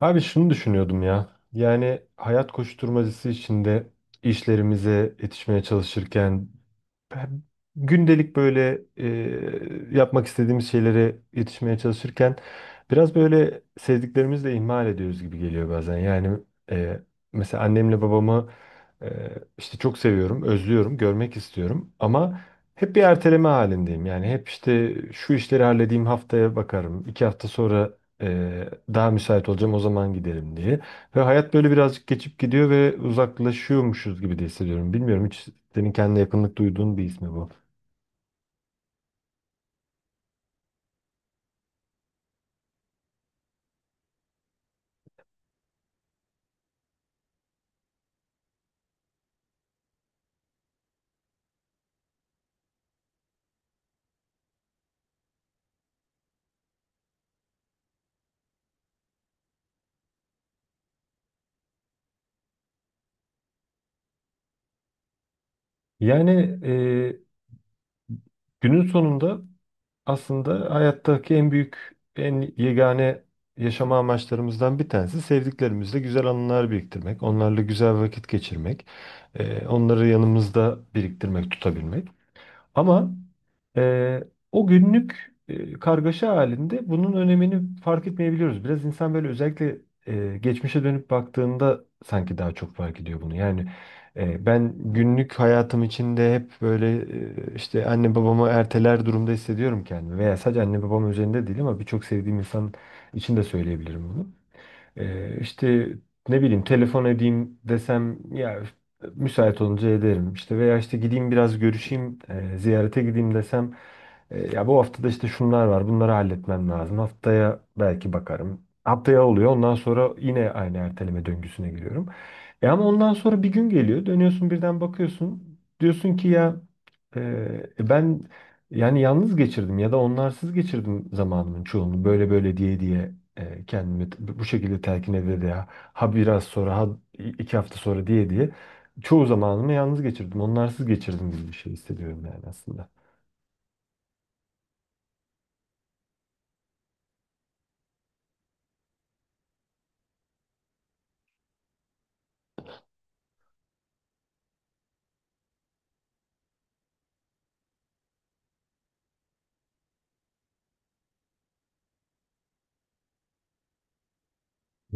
Abi şunu düşünüyordum ya. Yani hayat koşturmacası içinde işlerimize yetişmeye çalışırken hem gündelik böyle yapmak istediğimiz şeylere yetişmeye çalışırken biraz böyle sevdiklerimizi de ihmal ediyoruz gibi geliyor bazen. Yani e, mesela annemle babamı, e, işte çok seviyorum, özlüyorum, görmek istiyorum ama hep bir erteleme halindeyim. Yani hep işte şu işleri halledeyim haftaya bakarım, iki hafta sonra e, daha müsait olacağım o zaman gidelim diye. Ve hayat böyle birazcık geçip gidiyor ve uzaklaşıyormuşuz gibi de hissediyorum. Bilmiyorum hiç senin kendine yakınlık duyduğun bir ismi bu. Yani e, günün sonunda aslında hayattaki en büyük, en yegane yaşama amaçlarımızdan bir tanesi sevdiklerimizle güzel anılar biriktirmek, onlarla güzel vakit geçirmek, onları yanımızda biriktirmek, tutabilmek. Ama e, o günlük kargaşa halinde bunun önemini fark etmeyebiliyoruz. Biraz insan böyle özellikle geçmişe dönüp baktığında sanki daha çok fark ediyor bunu. Yani, ben günlük hayatım içinde hep böyle işte anne babamı erteler durumda hissediyorum kendimi. Veya sadece anne babam üzerinde değil ama birçok sevdiğim insan için de söyleyebilirim bunu. İşte ne bileyim telefon edeyim desem ya müsait olunca ederim. İşte veya işte gideyim biraz görüşeyim, ziyarete gideyim desem ya bu haftada işte şunlar var, bunları halletmem lazım. Haftaya belki bakarım. Haftaya oluyor. Ondan sonra yine aynı erteleme döngüsüne giriyorum. E ama ondan sonra bir gün geliyor. Dönüyorsun birden bakıyorsun. Diyorsun ki ya, e, ben yani yalnız geçirdim ya da onlarsız geçirdim zamanımın çoğunu. Böyle böyle diye diye, kendimi bu şekilde telkin ede de ha, ha biraz sonra ha, iki hafta sonra diye diye çoğu zamanımı yalnız geçirdim. Onlarsız geçirdim gibi bir şey hissediyorum yani aslında.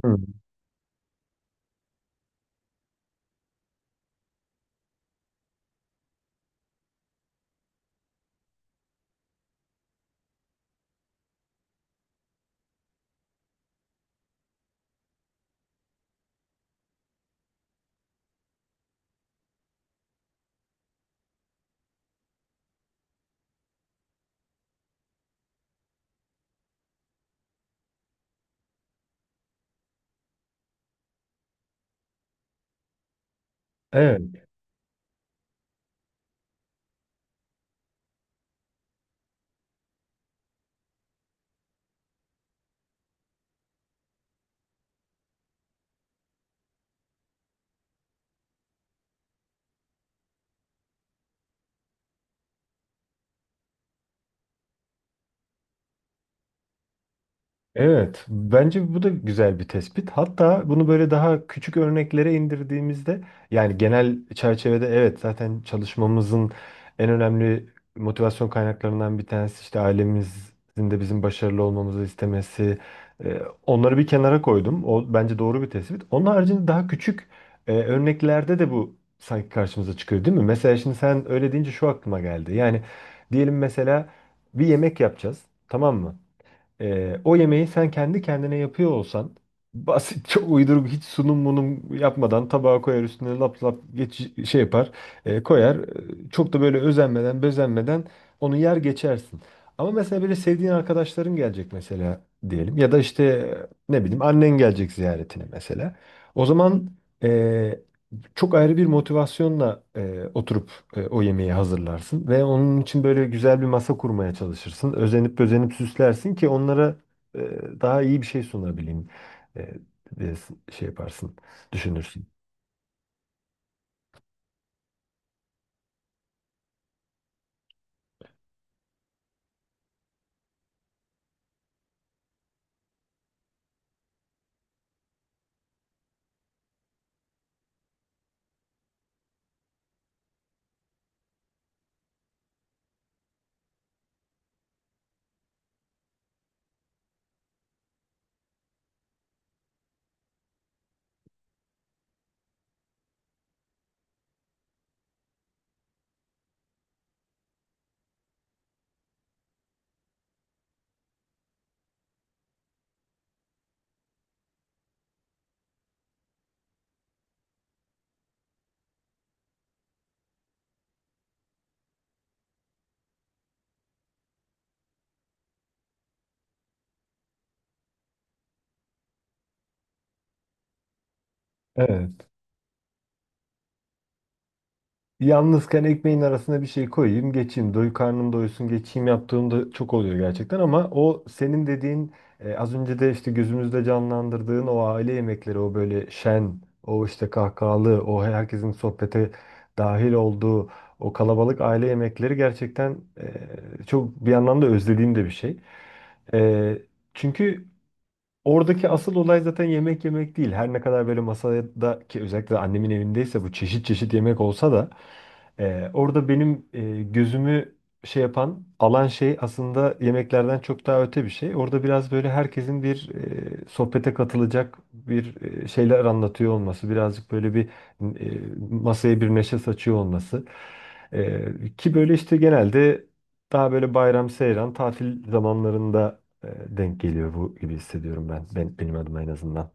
Hı. Evet. Evet, bence bu da güzel bir tespit. Hatta bunu böyle daha küçük örneklere indirdiğimizde, yani genel çerçevede evet zaten çalışmamızın en önemli motivasyon kaynaklarından bir tanesi işte ailemizin de bizim başarılı olmamızı istemesi. Onları bir kenara koydum. O bence doğru bir tespit. Onun haricinde daha küçük örneklerde de bu sanki karşımıza çıkıyor, değil mi? Mesela şimdi sen öyle deyince şu aklıma geldi. Yani diyelim mesela bir yemek yapacağız, tamam mı? O yemeği sen kendi kendine yapıyor olsan basit çok uyduruk hiç sunum munum yapmadan tabağa koyar üstüne lap lap geç, şey yapar, koyar. E, çok da böyle özenmeden bezenmeden onu yer geçersin. Ama mesela böyle sevdiğin arkadaşların gelecek mesela, diyelim ya da işte ne bileyim annen gelecek ziyaretine mesela. O zaman çok ayrı bir motivasyonla oturup o yemeği hazırlarsın ve onun için böyle güzel bir masa kurmaya çalışırsın. Özenip özenip süslersin ki onlara e, daha iyi bir şey sunabileyim. E, e, Şey yaparsın, düşünürsün. Evet. Yalnızken ekmeğin arasına bir şey koyayım, geçeyim. Doy karnım doysun, geçeyim yaptığımda çok oluyor gerçekten ama o senin dediğin, az önce de işte gözümüzde canlandırdığın o aile yemekleri, o böyle şen, o işte kahkahalı, o herkesin sohbete dahil olduğu o kalabalık aile yemekleri gerçekten çok bir yandan da özlediğim de bir şey. E, Çünkü oradaki asıl olay zaten yemek yemek değil. Her ne kadar böyle masada ki özellikle de annemin evindeyse bu çeşit çeşit yemek olsa da orada benim gözümü şey yapan alan şey aslında yemeklerden çok daha öte bir şey. Orada biraz böyle herkesin bir sohbete katılacak bir şeyler anlatıyor olması, birazcık böyle bir e, masaya bir neşe saçıyor olması. E, ki böyle işte genelde daha böyle bayram, seyran, tatil zamanlarında e, denk geliyor bu gibi hissediyorum ben. Ben benim adıma en azından.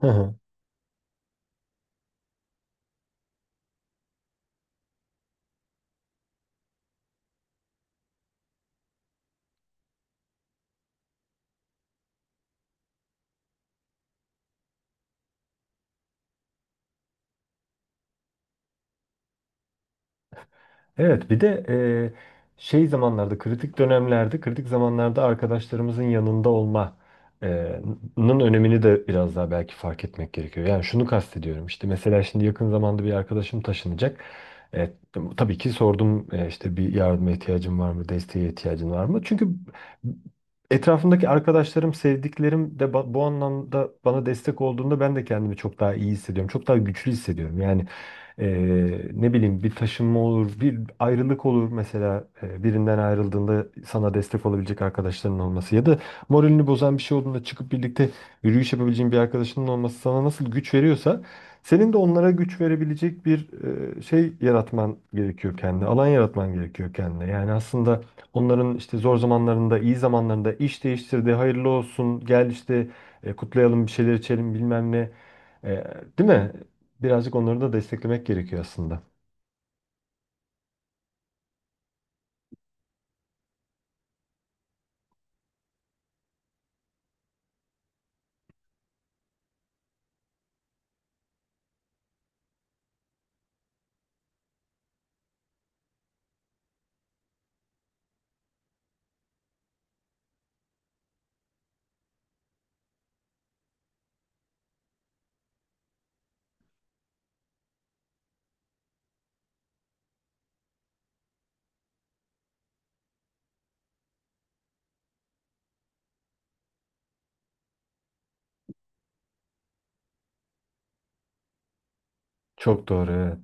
Hı hı. Evet, bir de şey zamanlarda, kritik dönemlerde, kritik zamanlarda arkadaşlarımızın yanında olma e, nın önemini de biraz daha belki fark etmek gerekiyor. Yani şunu kastediyorum. İşte mesela şimdi yakın zamanda bir arkadaşım taşınacak. E, tabii ki sordum, işte bir yardıma ihtiyacın var mı, desteğe ihtiyacın var mı? Çünkü etrafımdaki arkadaşlarım, sevdiklerim de bu anlamda bana destek olduğunda ben de kendimi çok daha iyi hissediyorum. Çok daha güçlü hissediyorum. Yani ne bileyim bir taşınma olur, bir ayrılık olur mesela, birinden ayrıldığında sana destek olabilecek arkadaşların olması ya da moralini bozan bir şey olduğunda çıkıp birlikte yürüyüş yapabileceğin bir arkadaşının olması sana nasıl güç veriyorsa senin de onlara güç verebilecek bir şey yaratman gerekiyor kendine, alan yaratman gerekiyor kendine. Yani aslında onların işte zor zamanlarında, iyi zamanlarında iş değiştirdi, hayırlı olsun, gel işte kutlayalım bir şeyler içelim bilmem ne. E, değil mi? Birazcık onları da desteklemek gerekiyor aslında. Çok doğru, evet.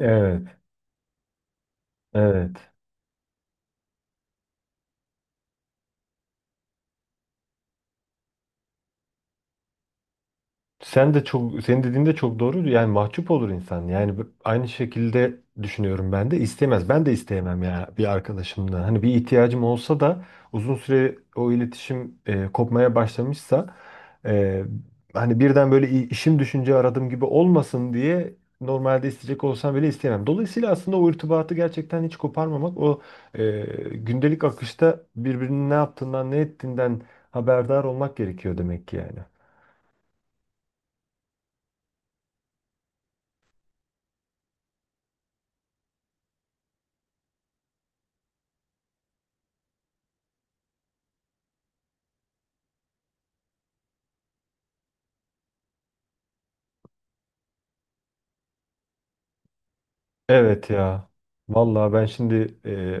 Evet, evet. Sen de çok, senin dediğin de çok doğru. Yani mahcup olur insan. Yani aynı şekilde düşünüyorum ben de. İstemez, ben de isteyemem ya bir arkadaşımdan. Hani bir ihtiyacım olsa da uzun süre o iletişim kopmaya başlamışsa e, hani birden böyle işim düşünce aradım gibi olmasın diye normalde isteyecek olsam bile isteyemem. Dolayısıyla aslında o irtibatı gerçekten hiç koparmamak, o e, gündelik akışta birbirinin ne yaptığından ne ettiğinden haberdar olmak gerekiyor demek ki yani. Evet ya. Vallahi ben şimdi, e,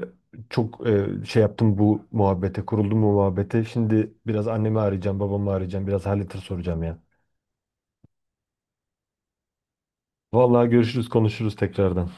çok e, şey yaptım bu muhabbete, kuruldum bu muhabbete. Şimdi biraz annemi arayacağım, babamı arayacağım, biraz hal hatır soracağım ya. Vallahi görüşürüz, konuşuruz tekrardan.